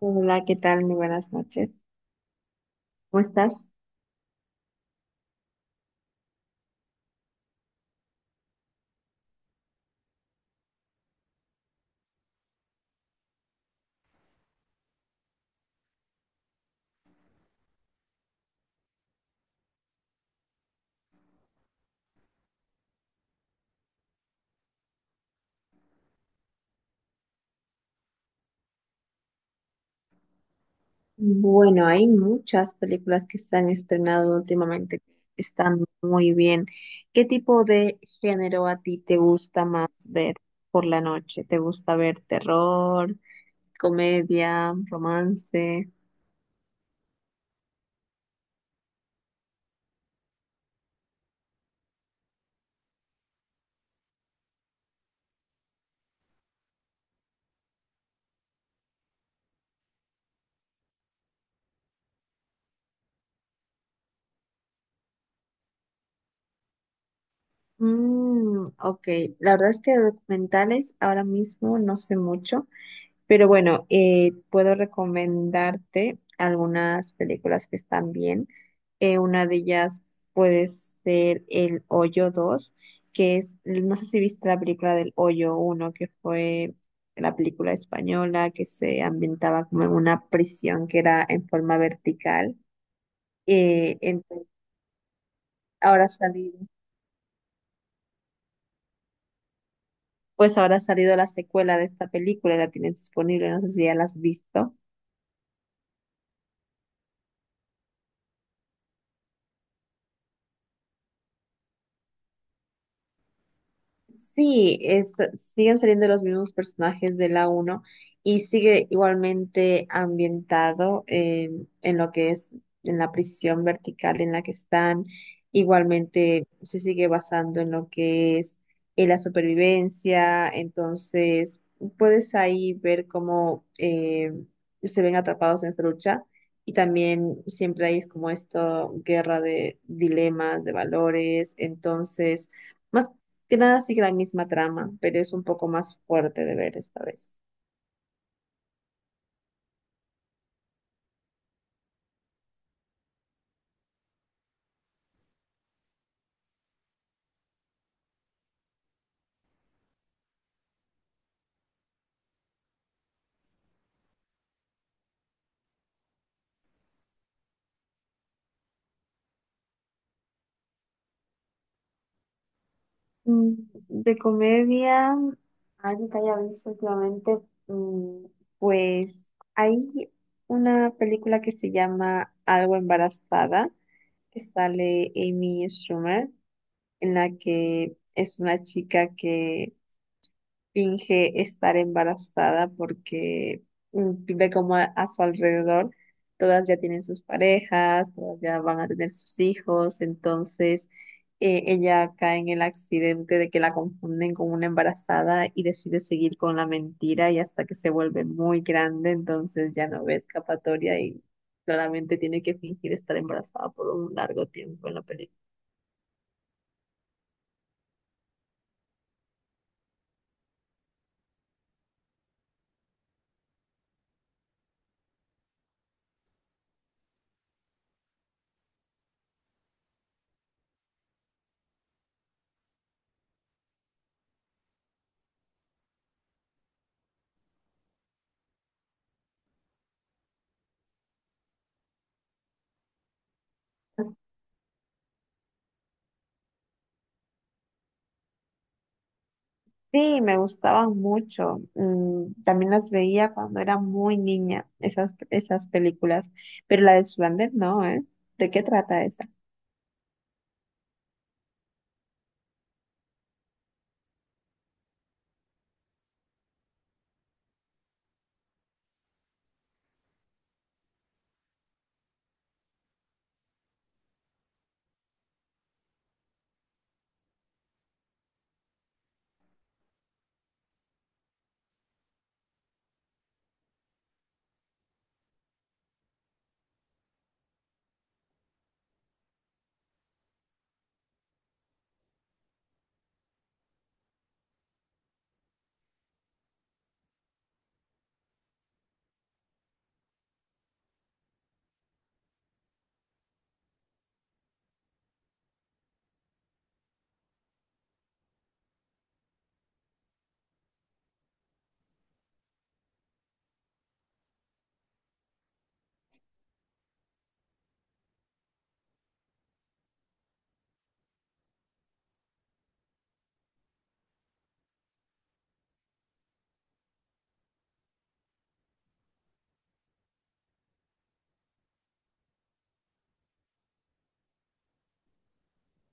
Hola, ¿qué tal? Muy buenas noches. ¿Cómo estás? Bueno, hay muchas películas que se han estrenado últimamente que están muy bien. ¿Qué tipo de género a ti te gusta más ver por la noche? ¿Te gusta ver terror, comedia, romance? Mm, ok, la verdad es que de documentales ahora mismo no sé mucho. Pero bueno, puedo recomendarte algunas películas que están bien. Una de ellas puede ser El Hoyo dos que es, no sé si viste la película del Hoyo uno que fue la película española que se ambientaba como en una prisión que era en forma vertical. Eh, entonces, ahora ha salido, pues ahora ha salido la secuela de esta película, la tienes disponible, no sé si ya la has visto. Sí, es, siguen saliendo los mismos personajes de la uno y sigue igualmente ambientado en lo que es en la prisión vertical en la que están. Igualmente se sigue basando en lo que es en la supervivencia. Entonces, puedes ahí ver cómo se ven atrapados en esta lucha. Y también siempre hay como esto, guerra de dilemas, de valores. Entonces... más Casi la misma trama, pero es un poco más fuerte de ver esta vez. Mm, De comedia, algo que haya visto últimamente, mm, pues hay una película que se llama Algo embarazada, que sale Amy Schumer, en la que es una chica que finge estar embarazada porque ve como a su alrededor todas ya tienen sus parejas, todas ya van a tener sus hijos, entonces ella cae en el accidente de que la confunden con una embarazada y decide seguir con la mentira y hasta que se vuelve muy grande, entonces ya no ve escapatoria y claramente tiene que fingir estar embarazada por un largo tiempo en la película. Sí, me gustaban mucho. Mm, también las veía cuando era muy niña, esas películas. Pero la de Zoolander no, ¿eh? ¿De qué trata esa?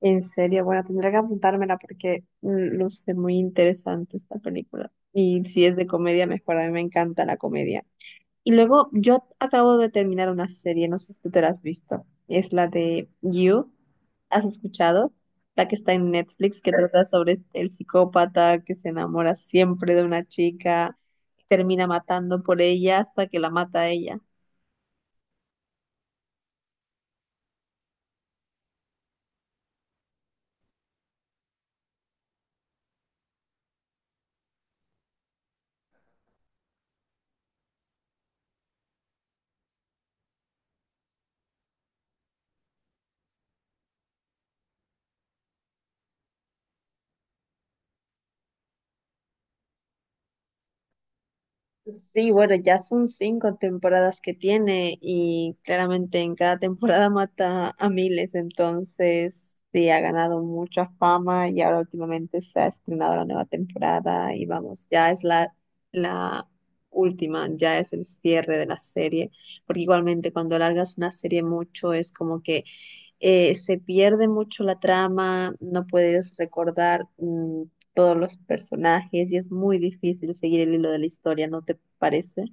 En serio, bueno, tendré que apuntármela porque luce muy interesante esta película. Y si es de comedia, mejor. A mí me encanta la comedia. Y luego yo acabo de terminar una serie, no sé si tú te la has visto. Es la de You. ¿Has escuchado? La que está en Netflix, que trata sobre el psicópata que se enamora siempre de una chica, termina matando por ella hasta que la mata a ella. Sí, bueno, ya son 5 temporadas que tiene y claramente en cada temporada mata a miles, entonces sí, ha ganado mucha fama y ahora últimamente se ha estrenado la nueva temporada y vamos, ya es la última, ya es el cierre de la serie, porque igualmente cuando alargas una serie mucho es como que se pierde mucho la trama, no puedes recordar todos los personajes y es muy difícil seguir el hilo de la historia, ¿no te parece?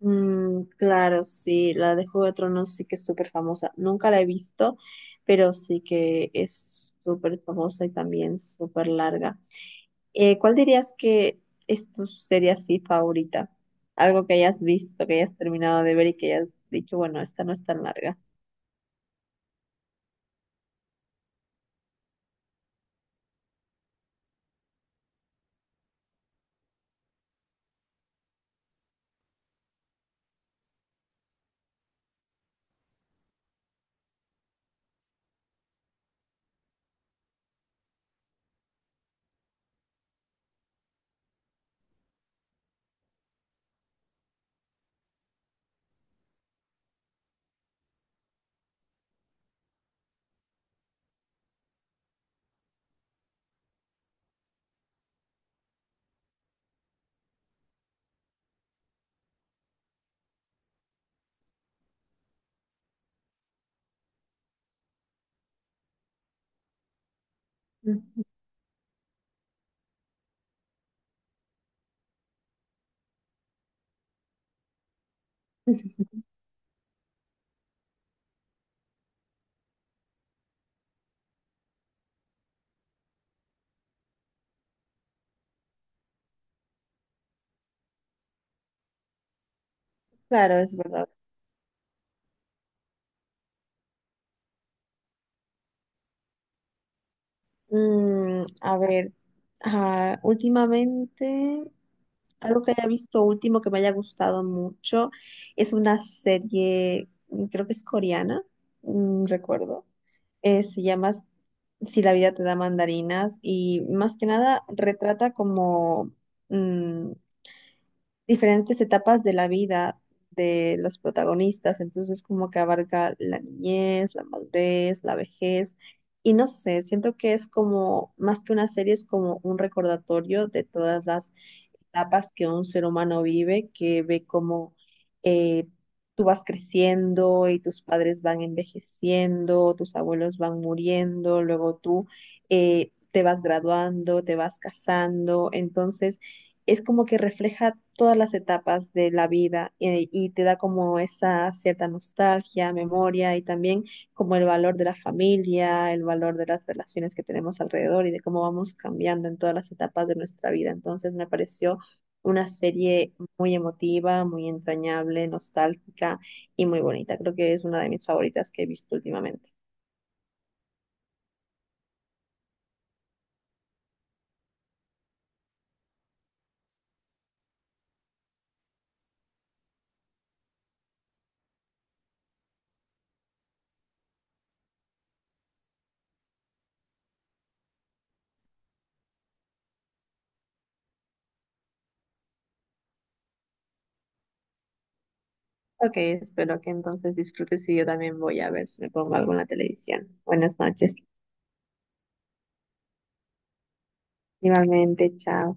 Mm, claro, sí, la de Juego de Tronos sí que es súper famosa. Nunca la he visto, pero sí que es súper famosa y también súper larga. ¿Cuál dirías que es tu serie así favorita? Algo que hayas visto, que hayas terminado de ver y que hayas dicho, bueno, esta no es tan larga. Ujú. Claro, es verdad. Mm, a ver, últimamente, algo que haya visto último que me haya gustado mucho es una serie, creo que es coreana, recuerdo. Se llama Si la vida te da mandarinas y más que nada retrata como mm, diferentes etapas de la vida de los protagonistas, entonces como que abarca la niñez, la madurez, la vejez, y no sé, siento que es como, más que una serie, es como un recordatorio de todas las etapas que un ser humano vive, que ve como eh, tú vas creciendo y tus padres van envejeciendo, tus abuelos van muriendo, luego tú te vas graduando, te vas casando, entonces es como que refleja todas las etapas de la vida y te da como esa cierta nostalgia, memoria y también como el valor de la familia, el valor de las relaciones que tenemos alrededor y de cómo vamos cambiando en todas las etapas de nuestra vida. Entonces me pareció una serie muy emotiva, muy entrañable, nostálgica y muy bonita. Creo que es una de mis favoritas que he visto últimamente. Ok, espero que entonces disfrutes y yo también voy a ver si me pongo algo en la televisión. Buenas noches. Igualmente, chao.